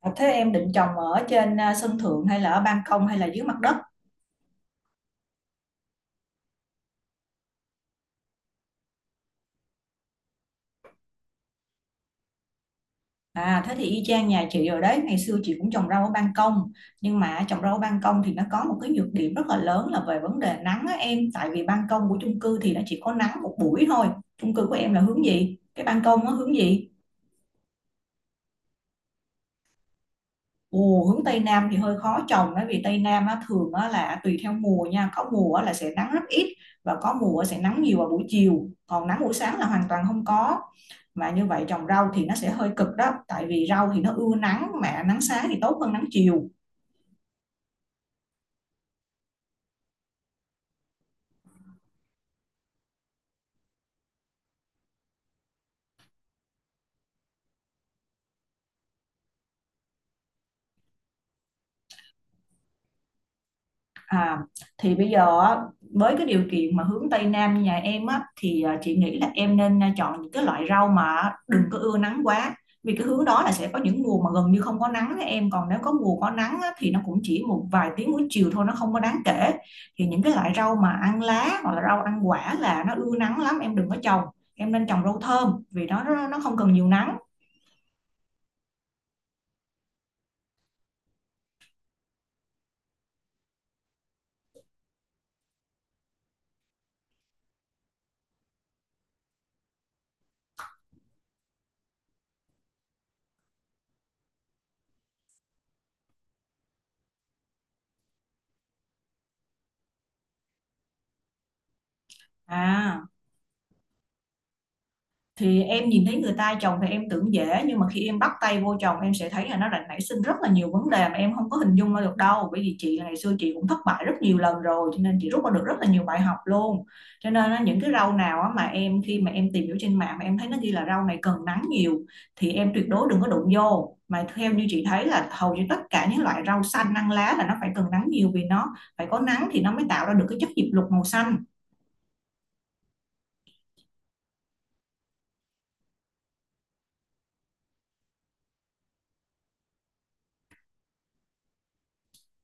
À, thế em định trồng ở trên sân thượng hay là ở ban công hay là dưới mặt đất? À, thế thì y chang nhà chị rồi đấy. Ngày xưa chị cũng trồng rau ở ban công, nhưng mà trồng rau ở ban công thì nó có một cái nhược điểm rất là lớn là về vấn đề nắng á em, tại vì ban công của chung cư thì nó chỉ có nắng một buổi thôi. Chung cư của em là hướng gì? Cái ban công nó hướng gì? Ồ, hướng Tây Nam thì hơi khó trồng đấy, vì Tây Nam á, thường á, là tùy theo mùa nha, có mùa á, là sẽ nắng rất ít, và có mùa sẽ nắng nhiều vào buổi chiều, còn nắng buổi sáng là hoàn toàn không có. Mà như vậy trồng rau thì nó sẽ hơi cực đó, tại vì rau thì nó ưa nắng mà nắng sáng thì tốt hơn nắng chiều. À, thì bây giờ á, với cái điều kiện mà hướng Tây Nam như nhà em á thì chị nghĩ là em nên chọn những cái loại rau mà đừng có ưa nắng quá, vì cái hướng đó là sẽ có những mùa mà gần như không có nắng đấy em, còn nếu có mùa có nắng á, thì nó cũng chỉ một vài tiếng buổi chiều thôi, nó không có đáng kể. Thì những cái loại rau mà ăn lá hoặc là rau ăn quả là nó ưa nắng lắm em đừng có trồng. Em nên trồng rau thơm vì nó không cần nhiều nắng. à thì em nhìn thấy người ta chồng thì em tưởng dễ, nhưng mà khi em bắt tay vô chồng em sẽ thấy là nó đã nảy sinh rất là nhiều vấn đề mà em không có hình dung ra được đâu, bởi vì chị ngày xưa chị cũng thất bại rất nhiều lần rồi cho nên chị rút ra được rất là nhiều bài học luôn. Cho nên á, những cái rau nào á mà em khi mà em tìm hiểu trên mạng mà em thấy nó ghi là rau này cần nắng nhiều thì em tuyệt đối đừng có đụng vô. Mà theo như chị thấy là hầu như tất cả những loại rau xanh ăn lá là nó phải cần nắng nhiều, vì nó phải có nắng thì nó mới tạo ra được cái chất diệp lục màu xanh.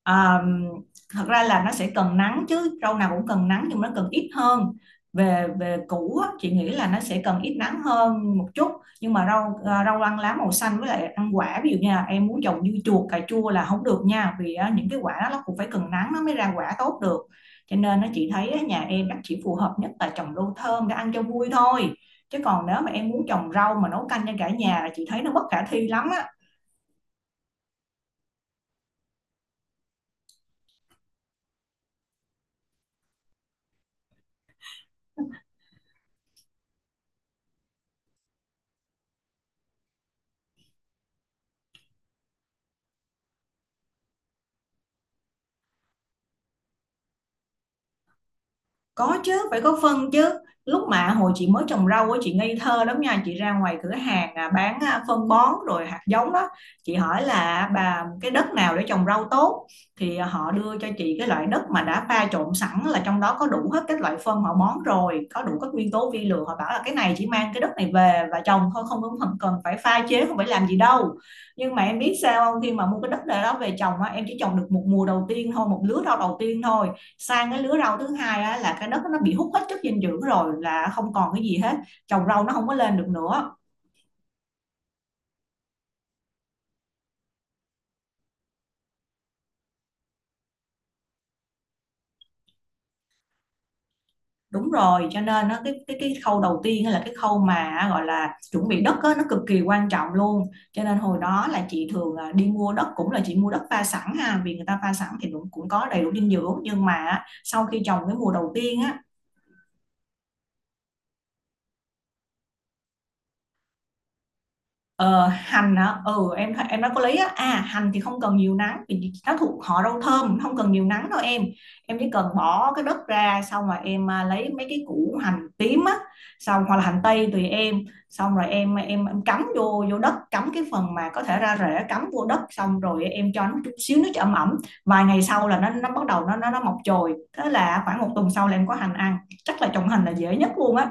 À, thật ra là nó sẽ cần nắng chứ, rau nào cũng cần nắng nhưng nó cần ít hơn. Về về củ á, chị nghĩ là nó sẽ cần ít nắng hơn một chút. Nhưng mà rau ăn lá màu xanh với lại ăn quả, ví dụ như là em muốn trồng dưa chuột cà chua là không được nha, vì á, những cái quả đó nó cũng phải cần nắng nó mới ra quả tốt được. Cho nên chị thấy á, nhà em nó chỉ phù hợp nhất là trồng rau thơm để ăn cho vui thôi, chứ còn nếu mà em muốn trồng rau mà nấu canh cho cả nhà là chị thấy nó bất khả thi lắm á. Có chứ, phải có phân chứ. Lúc mà hồi chị mới trồng rau á, chị ngây thơ lắm nha. Chị ra ngoài cửa hàng bán phân bón rồi hạt giống đó. Chị hỏi là bà cái đất nào để trồng rau tốt. Thì họ đưa cho chị cái loại đất mà đã pha trộn sẵn là trong đó có đủ hết các loại phân họ bón rồi. Có đủ các nguyên tố vi lượng. Họ bảo là cái này chỉ mang cái đất này về và trồng thôi. Không có cần phải pha chế, không phải làm gì đâu. Nhưng mà em biết sao không? Khi mà mua cái đất đó về trồng á, em chỉ trồng được một mùa đầu tiên thôi, một lứa rau đầu tiên thôi. Sang cái lứa rau thứ hai á, là cái đất nó bị hút hết chất dinh dưỡng rồi, là không còn cái gì hết, trồng rau nó không có lên được nữa. Đúng rồi, cho nên nó cái khâu đầu tiên á là cái khâu mà gọi là chuẩn bị đất á, nó cực kỳ quan trọng luôn. Cho nên hồi đó là chị thường đi mua đất, cũng là chị mua đất pha sẵn ha, vì người ta pha sẵn thì cũng cũng có đầy đủ dinh dưỡng, nhưng mà á, sau khi trồng cái mùa đầu tiên á. Ờ, hành hả? Ừ, em đã có lấy á. À, hành thì không cần nhiều nắng vì nó thuộc họ rau thơm, không cần nhiều nắng đâu em. Em chỉ cần bỏ cái đất ra, xong rồi em lấy mấy cái củ hành tím á, xong hoặc là hành tây tùy em, xong rồi em cắm vô vô đất, cắm cái phần mà có thể ra rễ cắm vô đất, xong rồi em cho nó chút xíu nước cho ẩm ẩm. Vài ngày sau là nó bắt đầu nó mọc chồi. Thế là khoảng một tuần sau là em có hành ăn. Chắc là trồng hành là dễ nhất luôn á.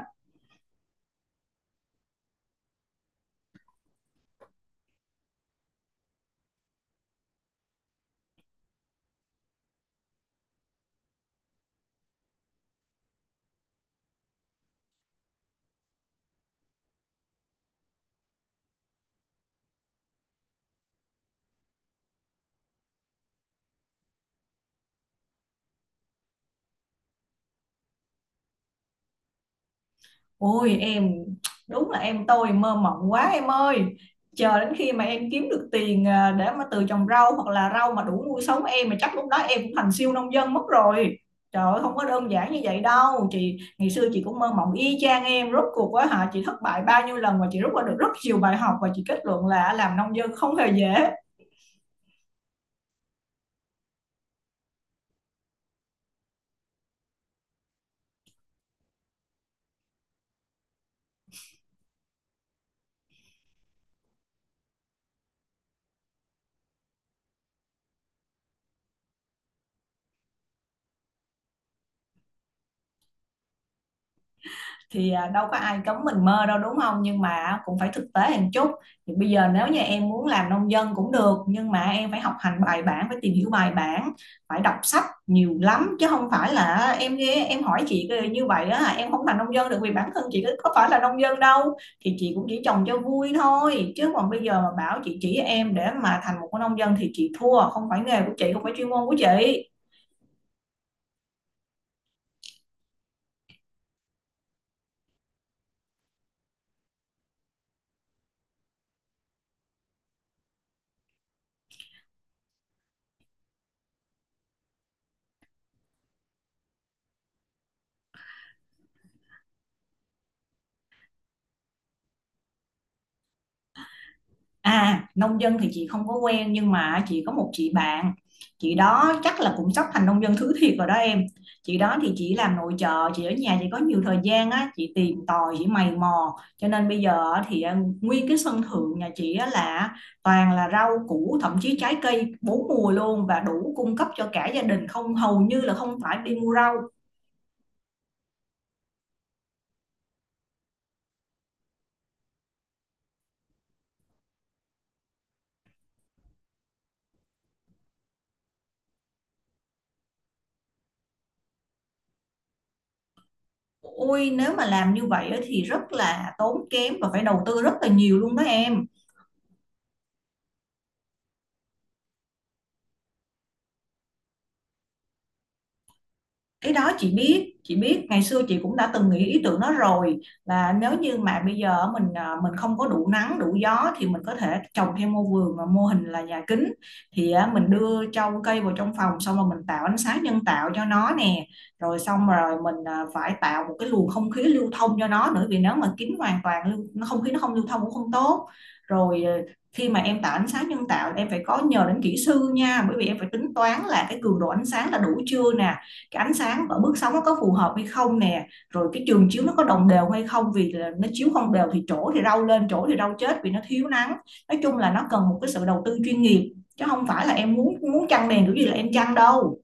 Ôi em, đúng là em tôi mơ mộng quá em ơi. Chờ đến khi mà em kiếm được tiền để mà từ trồng rau hoặc là rau mà đủ nuôi sống em mà, chắc lúc đó em cũng thành siêu nông dân mất rồi. Trời ơi, không có đơn giản như vậy đâu. Chị ngày xưa chị cũng mơ mộng y chang em, rốt cuộc á hả, chị thất bại bao nhiêu lần, và chị rút ra được rất nhiều bài học, và chị kết luận là làm nông dân không hề dễ. Thì đâu có ai cấm mình mơ đâu đúng không, nhưng mà cũng phải thực tế một chút. Thì bây giờ nếu như em muốn làm nông dân cũng được, nhưng mà em phải học hành bài bản, phải tìm hiểu bài bản, phải đọc sách nhiều lắm, chứ không phải là em hỏi chị như vậy á em không làm nông dân được, vì bản thân chị có phải là nông dân đâu. Thì chị cũng chỉ trồng cho vui thôi, chứ còn bây giờ mà bảo chị chỉ em để mà thành một cái nông dân thì chị thua, không phải nghề của chị, không phải chuyên môn của chị. À, nông dân thì chị không có quen, nhưng mà chị có một chị bạn. Chị đó chắc là cũng sắp thành nông dân thứ thiệt rồi đó em. Chị đó thì chị làm nội trợ, chị ở nhà chị có nhiều thời gian á, chị tìm tòi, chị mày mò. Cho nên bây giờ á thì nguyên cái sân thượng nhà chị á là toàn là rau củ, thậm chí trái cây bốn mùa luôn, và đủ cung cấp cho cả gia đình, không hầu như là không phải đi mua rau. Ôi, nếu mà làm như vậy á thì rất là tốn kém và phải đầu tư rất là nhiều luôn đó em. Cái đó chị biết, chị biết ngày xưa chị cũng đã từng nghĩ ý tưởng đó rồi, là nếu như mà bây giờ mình không có đủ nắng đủ gió thì mình có thể trồng thêm mô vườn mà mô hình là nhà kính. Thì mình đưa trong cây vào trong phòng, xong rồi mình tạo ánh sáng nhân tạo cho nó nè. Rồi xong rồi mình phải tạo một cái luồng không khí lưu thông cho nó nữa, vì nếu mà kín hoàn toàn lưu nó không khí nó không lưu thông cũng không tốt. Rồi khi mà em tạo ánh sáng nhân tạo em phải có nhờ đến kỹ sư nha, bởi vì em phải tính toán là cái cường độ ánh sáng là đủ chưa nè, cái ánh sáng và bước sóng nó có phù hợp hay không nè, rồi cái trường chiếu nó có đồng đều hay không, vì là nó chiếu không đều thì chỗ thì rau lên chỗ thì rau chết vì nó thiếu nắng. Nói chung là nó cần một cái sự đầu tư chuyên nghiệp, chứ không phải là em muốn muốn chăng đèn kiểu gì là em chăng đâu.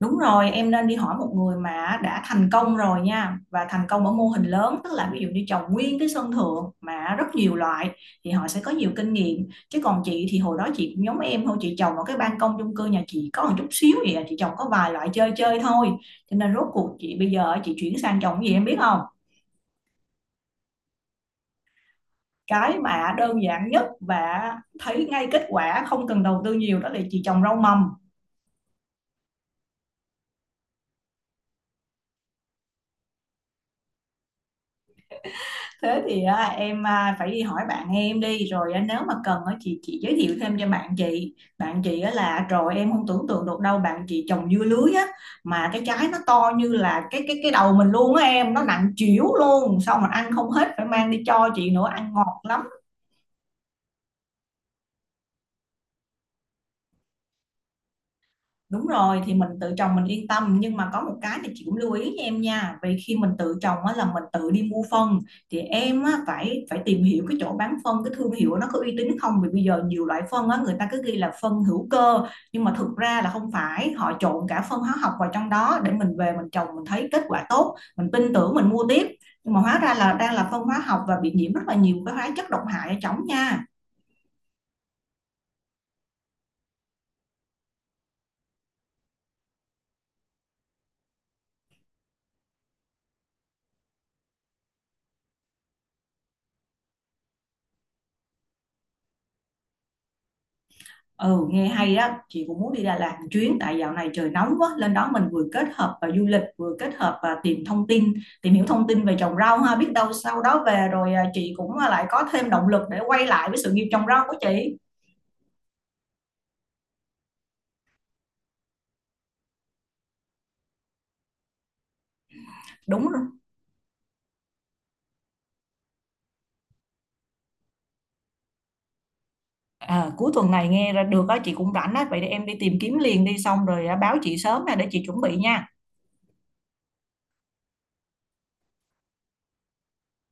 Đúng rồi, em nên đi hỏi một người mà đã thành công rồi nha, và thành công ở mô hình lớn, tức là ví dụ như trồng nguyên cái sân thượng mà rất nhiều loại thì họ sẽ có nhiều kinh nghiệm. Chứ còn chị thì hồi đó chị cũng giống em thôi, chị trồng ở cái ban công chung cư nhà chị có một chút xíu vậy chị trồng có vài loại chơi chơi thôi. Cho nên rốt cuộc chị bây giờ chị chuyển sang trồng cái gì em biết không? Cái mà đơn giản nhất và thấy ngay kết quả không cần đầu tư nhiều đó là chị trồng rau mầm. Thế thì em phải đi hỏi bạn em đi, rồi nếu mà cần á, chị giới thiệu thêm cho bạn chị, bạn chị á là rồi em không tưởng tượng được đâu, bạn chị trồng dưa lưới á, mà cái trái nó to như là cái đầu mình luôn á em, nó nặng chịu luôn, xong mà ăn không hết phải mang đi cho chị nữa, ăn ngọt lắm. Đúng rồi, thì mình tự trồng mình yên tâm, nhưng mà có một cái thì chị cũng lưu ý nha em nha, vì khi mình tự trồng á, là mình tự đi mua phân. Thì em á, phải phải tìm hiểu cái chỗ bán phân, cái thương hiệu nó có uy tín không, vì bây giờ nhiều loại phân á, người ta cứ ghi là phân hữu cơ, nhưng mà thực ra là không phải, họ trộn cả phân hóa học vào trong đó để mình về mình trồng mình thấy kết quả tốt, mình tin tưởng mình mua tiếp, nhưng mà hóa ra là đang là phân hóa học và bị nhiễm rất là nhiều cái hóa chất độc hại ở trong nha. Ừ, nghe hay đó, chị cũng muốn đi Đà Lạt một chuyến, tại dạo này trời nóng quá, lên đó mình vừa kết hợp và du lịch, vừa kết hợp và tìm thông tin, tìm hiểu thông tin về trồng rau ha, biết đâu sau đó về rồi chị cũng lại có thêm động lực để quay lại với sự nghiệp trồng rau của chị. Đúng rồi. À, cuối tuần này nghe ra được á, chị cũng rảnh á, vậy để em đi tìm kiếm liền đi, xong rồi báo chị sớm nè để chị chuẩn bị nha.